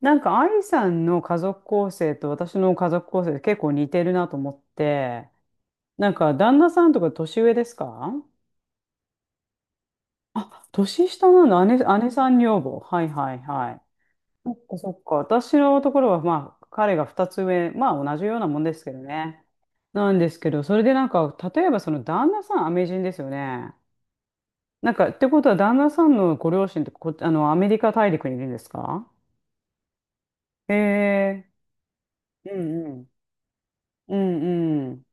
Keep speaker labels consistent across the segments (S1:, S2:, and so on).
S1: アイさんの家族構成と私の家族構成って結構似てるなと思って、旦那さんとか年上ですか？あ、年下なの、姉、姉さん女房。はいはいはい。そっかそっか。私のところは、まあ、彼が二つ上、まあ、同じようなもんですけどね。なんですけど、それで例えばその旦那さん、アメ人ですよね。ってことは、旦那さんのご両親ってアメリカ大陸にいるんですか？へえ、うんうんうん。うん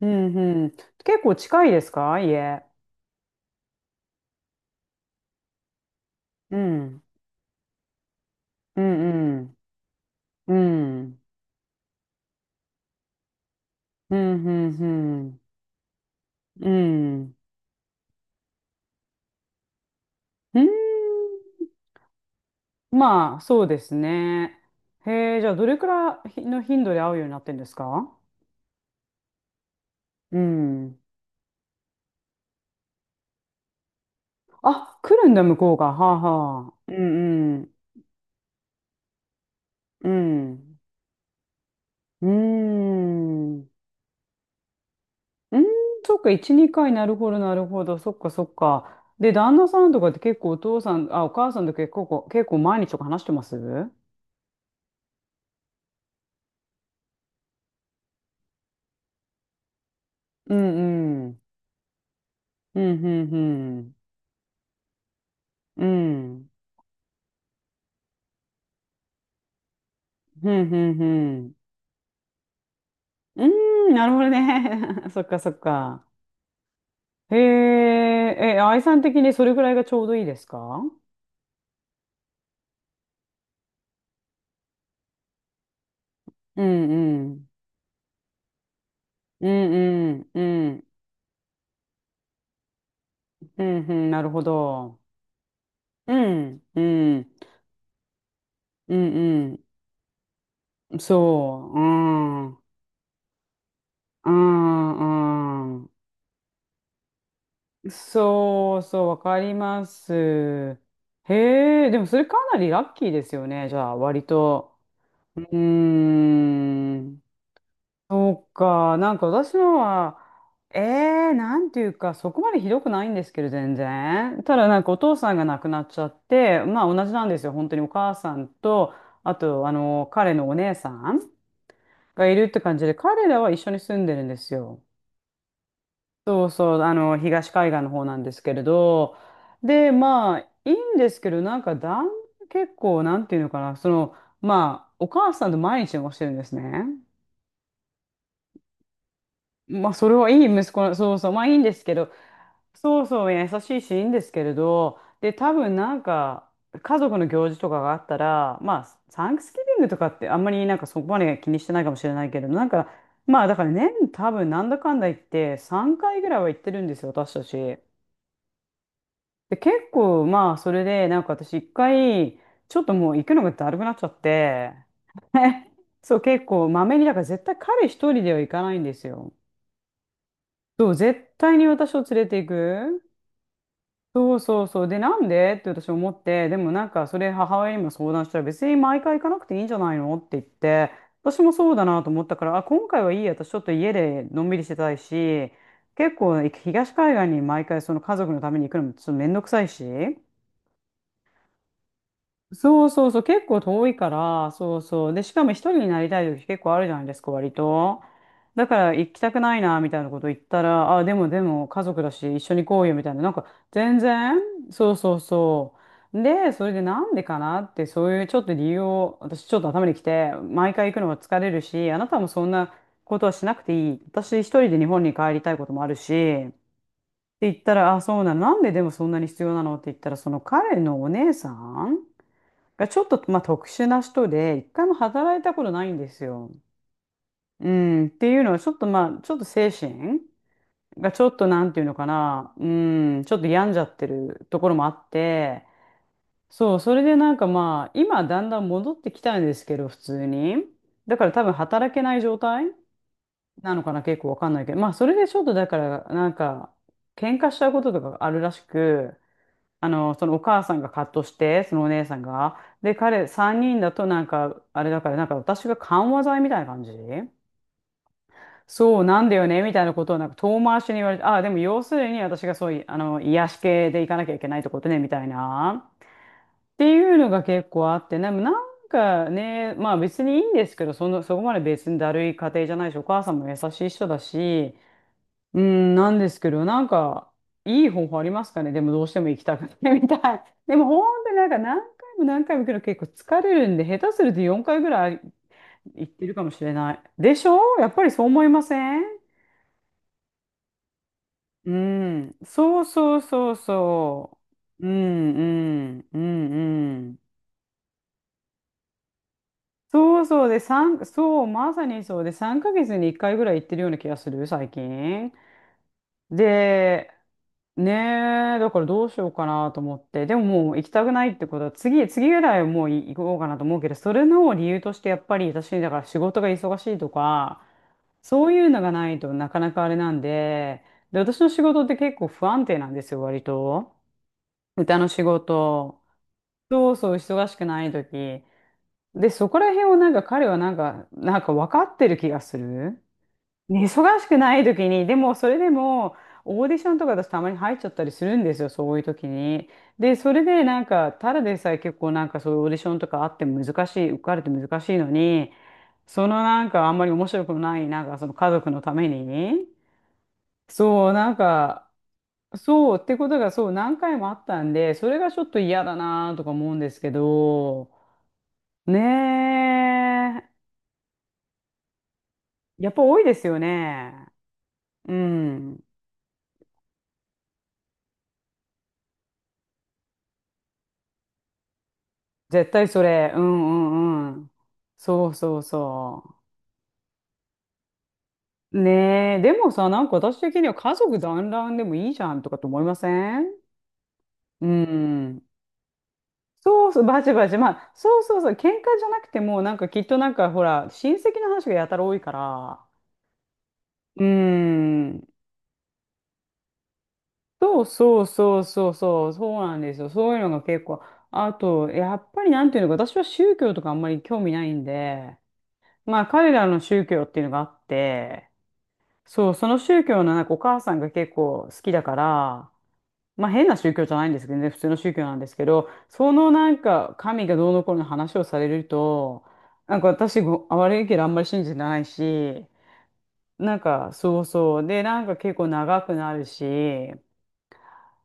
S1: うんうん。結構近いですか、家。うん。うんうん。うん。うんうんうん。うん。うーん。まあ、そうですね。へえ、じゃあ、どれくらいの頻度で会うようになってんですか？うん。あ、来るんだ、向こうが。はあはあ。うんうん。うん。うーん。うーん、そっか、1、2回、なるほど、なるほど、そっか、そっか。で、旦那さんとかって結構お父さん、あ、お母さんと結構、結構毎日とか話してます？うんうん。うん、うん、うん。うん、うん、うん。うん。うーん、なるほどね。そっか、そっか。へえ、え、愛さん的にそれぐらいがちょうどいいですか？うん、うん。うん、うん、うん。うん、うん、なるほど。うん、うん、うん、うん。そう、うん。うん、うん。そうそう、わかります。へえ、でもそれかなりラッキーですよね、じゃあ、割と。うーん。そうか、私のは、ええ、なんていうか、そこまでひどくないんですけど、全然。ただ、なんかお父さんが亡くなっちゃって、まあ同じなんですよ、本当にお母さんと、あと、彼のお姉さんがいるって感じで、彼らは一緒に住んでるんですよ。そうそう、東海岸の方なんですけれど、で、まあ、いいんですけど、結構、なんていうのかな、その、まあ、お母さんと毎日過ごしてるんですね。まあ、それはいい息子な、そうそう、まあ、いいんですけど、そうそう、優しいし、いいんですけれど、で、多分、家族の行事とかがあったら、まあ、サンクスギビングとかって、あんまり、そこまで気にしてないかもしれないけれど、まあ、だから、年、多分、なんだかんだ言って、3回ぐらいは行ってるんですよ、私たち。で、結構、まあ、それで、なんか私一回、ちょっともう行くのがだるくなっちゃって、そう、結構、まめに、だから絶対彼一人では行かないんですよ。そう、絶対に私を連れて行く。そうそうそう。で、なんでって私思って、でもなんか、それ母親にも相談したら、別に毎回行かなくていいんじゃないのって言って、私もそうだなと思ったから、あ、今回はいいや、私ちょっと家でのんびりしてたいし、結構、東海岸に毎回その家族のために行くのもちょっとめんどくさいし、そうそうそう、結構遠いから、そうそう。で、しかも一人になりたい時結構あるじゃないですか、割と。だから行きたくないな、みたいなこと言ったら、あ、でもでも家族だし一緒に行こうよ、みたいな。全然、そうそうそう。で、それでなんでかなって、そういうちょっと理由を、私ちょっと頭にきて、毎回行くのは疲れるし、あなたもそんなことはしなくていい。私一人で日本に帰りたいこともあるし、って言ったら、あ、そうなの。なんででもそんなに必要なのって言ったら、その彼のお姉さんがちょっと、まあ、特殊な人で、一回も働いたことないんですよ。うん、っていうのは、ちょっとまあ、ちょっと精神がちょっとなんていうのかな、うん、ちょっと病んじゃってるところもあって、そう、それで今だんだん戻ってきたんですけど、普通に。だから多分働けない状態なのかな、結構わかんないけど、まあ、それでちょっとだから、喧嘩しちゃうこととかがあるらしく、そのお母さんがカットして、そのお姉さんが。で、彼3人だとあれだから、なんか私が緩和剤みたいな感じ、そうなんだよね、みたいなことをなんか遠回しに言われて、ああ、でも要するに私がそういう、癒し系で行かなきゃいけないってことね、みたいな。っていうのが結構あって、でもまあ別にいいんですけど、その、そこまで別にだるい家庭じゃないし、お母さんも優しい人だし、うん、なんですけど、いい方法ありますかね？ でもどうしても行きたくないみたい。でも本当になんか何回も何回も行くの結構疲れるんで、下手すると4回ぐらい行ってるかもしれない。でしょ？やっぱりそう思いません？うん。そうそうそうそう。うんうんうんうん。そうそうで、三そう、まさにそうで、3ヶ月に1回ぐらい行ってるような気がする、最近。で、ねえ、だからどうしようかなと思って。でももう行きたくないってことは、次、次ぐらいはもう行こうかなと思うけど、それの理由としてやっぱり私、だから仕事が忙しいとか、そういうのがないとなかなかあれなんで、で、私の仕事って結構不安定なんですよ、割と。歌の仕事。そうそう、忙しくない時。で、そこら辺をなんか彼はなんか、なんか分かってる気がする。ね、忙しくない時に、でもそれでもオーディションとかだとたまに入っちゃったりするんですよ、そういう時に。で、それでただでさえ結構なんかそういうオーディションとかあっても難しい、受かれて難しいのに、そのなんかあんまり面白くない、なんかその家族のために、そう、そうってことがそう何回もあったんで、それがちょっと嫌だなとか思うんですけど、ねえ、やっぱ多いですよね。うん。絶対それ。うんうんうん。そうそうそう。ねえ、でもさ、なんか私的には家族団らんでもいいじゃんとかと思いません？うん。そうそう、バチバチ。まあ、そうそうそう、喧嘩じゃなくても、なんかきっとなんかほら、親戚の話がやたら多いから。うーん。そうそうそうそうそう、そうなんですよ。そういうのが結構。あと、やっぱりなんていうのか、私は宗教とかあんまり興味ないんで、まあ彼らの宗教っていうのがあって、そう、その宗教のなんかお母さんが結構好きだから、まあ変な宗教じゃないんですけどね、普通の宗教なんですけど、そのなんか神がどうのこうの話をされると、なんか私ご、悪いけどあんまり信じてないし、なんかそうそう、で、なんか結構長くなるし、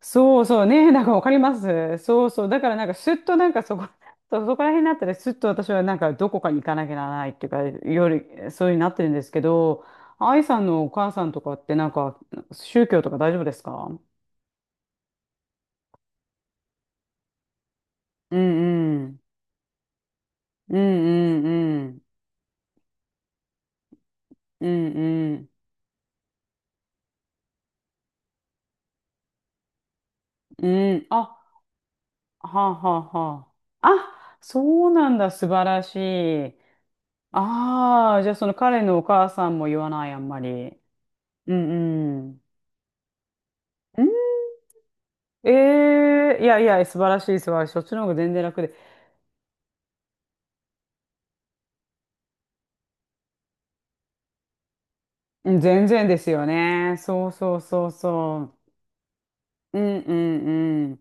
S1: そうそうね、なんかわかります。そうそう。だからなんかすっとなんかそこ、そうそこら辺になったらすっと私はなんかどこかに行かなきゃならないっていうか、夜、そうになってるんですけど、愛さんのお母さんとかってなんか宗教とか大丈夫ですか？うんうん。うんうんうん。うんうん。うん。あ、はあはあはあ。あ、そうなんだ。素晴らしい。ああ、じゃあその彼のお母さんも言わない、あんまり。うんうん。うんええいやいや、素晴らしい、素晴らしい。そっちの方が全然楽で。うん、全然ですよね。そうそうそうそう。うんうんうん。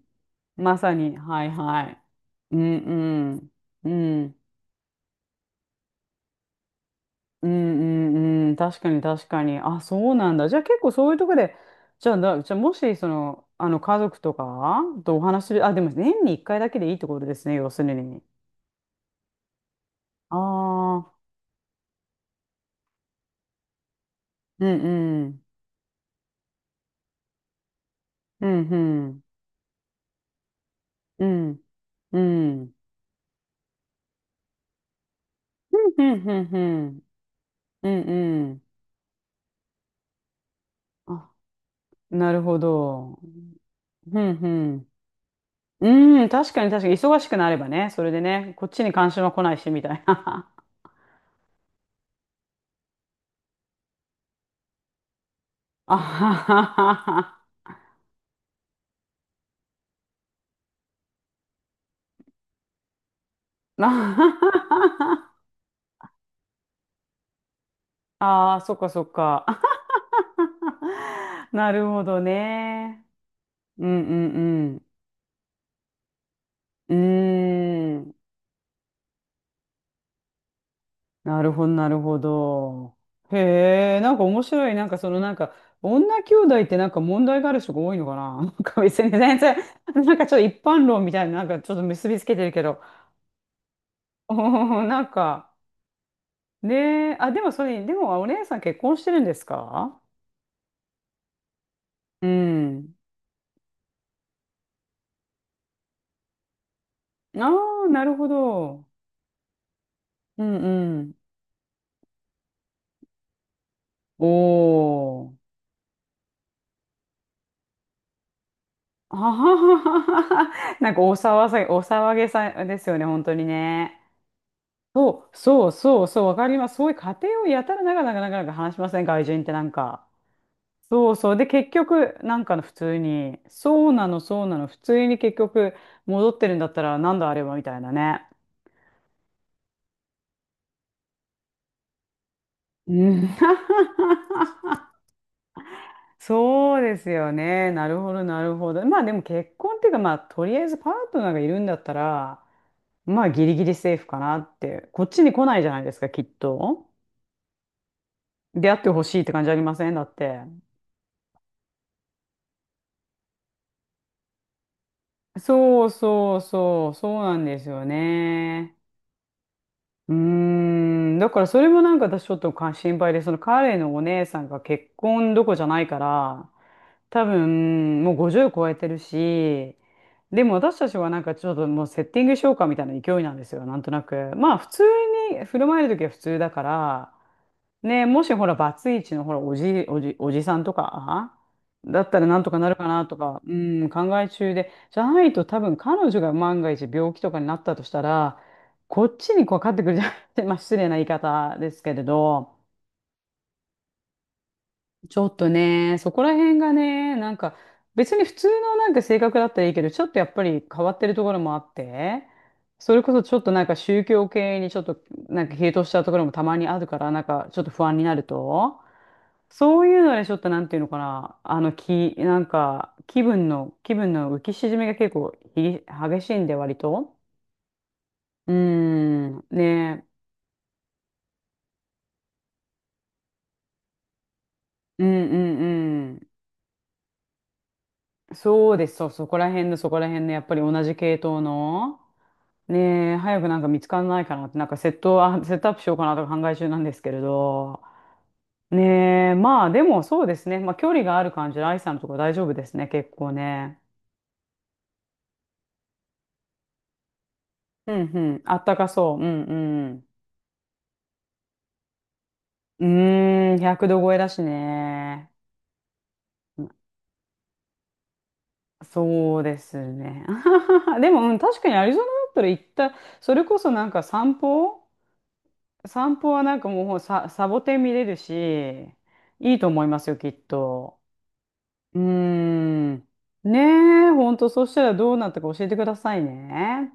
S1: まさに、はいはい。うんうん。うん。うんうんうん。確かに確かに。あ、そうなんだ。じゃあ結構そういうとこで、じゃあもし、その、あの、家族とかとお話しする、あ、でも年に1回だけでいいってことですね、要するに。ああ、うんうん。うんうん。うんうん。うんうんうんうん。うんうん。あ、なるほど。うんうん。うん、確かに確かに、忙しくなればね、それでね、こっちに関心は来ないし、みたいな。あはははは。ああ、そっかそっか。なるほどね。うんうんうん。うーん。なるほど、なるほど。へえ、なんか面白い。なんかそのなんか、女兄弟ってなんか問題がある人が多いのかな？ なんか別に全然、なんかちょっと一般論みたいな、なんかちょっと結びつけてるけど。おーなんか、ねえ、あ、でもそれ、でもお姉さん結婚してるんですか？うん。ああ、なるほど。うんうん。おー。あははははは。なんかお騒がせ、お騒げさですよね、本当にね。そう、そうそう、そう、わかります。そういう家庭をやたらなかなか話しません、外人ってなんか。そうそう。で、結局、なんかの普通に、そうなの、そうなの、普通に結局、戻ってるんだったら、なんだあれは、みたいなね。うん そうですよね。なるほど、なるほど。まあでも結婚っていうか、まあとりあえずパートナーがいるんだったら、まあギリギリセーフかなって。こっちに来ないじゃないですか、きっと。出会ってほしいって感じありませんだって。そうそうそう、そうなんですよね。うーん、だからそれもなんか私ちょっとか心配で、その彼のお姉さんが結婚どころじゃないから、多分もう50超えてるし、でも私たちはなんかちょっともうセッティングしようかみたいな勢いなんですよ、なんとなく。まあ普通に振る舞える時は普通だから、ね、もしほら、バツイチのほら、おじさんとか、だったらなんとかなるかなとか、うん、考え中で、じゃないと多分彼女が万が一病気とかになったとしたら、こっちにこうかかってくるじゃん、まあ、失礼な言い方ですけれど、ちょっとね、そこら辺がね、なんか別に普通のなんか性格だったらいいけど、ちょっとやっぱり変わってるところもあって、それこそちょっとなんか宗教系にちょっとなんか傾倒したところもたまにあるから、なんかちょっと不安になると、そういうのでちょっとなんていうのかな、あの気、なんか気分の、気分の浮き沈みが結構ひ激しいんで割と。うーん、ねえうんうんうん。そうです、そう、そこら辺のそこら辺のやっぱり同じ系統の。ねえ、早くなんか見つからないかなって、なんかセット、あ、セットアップしようかなとか考え中なんですけれど。ねえ、まあでもそうですね。まあ距離がある感じで、愛さんのとこ大丈夫ですね、結構ね。うんうん、あったかそう。うんうん。うーん、100度超えだしね。そうですね。でも、うん、確かにアリゾナだったら行った、それこそなんか散歩はなんかもうさ、サボテン見れるし、いいと思いますよ、きっと。うーん。ねえ、ほんと、そしたらどうなったか教えてくださいね。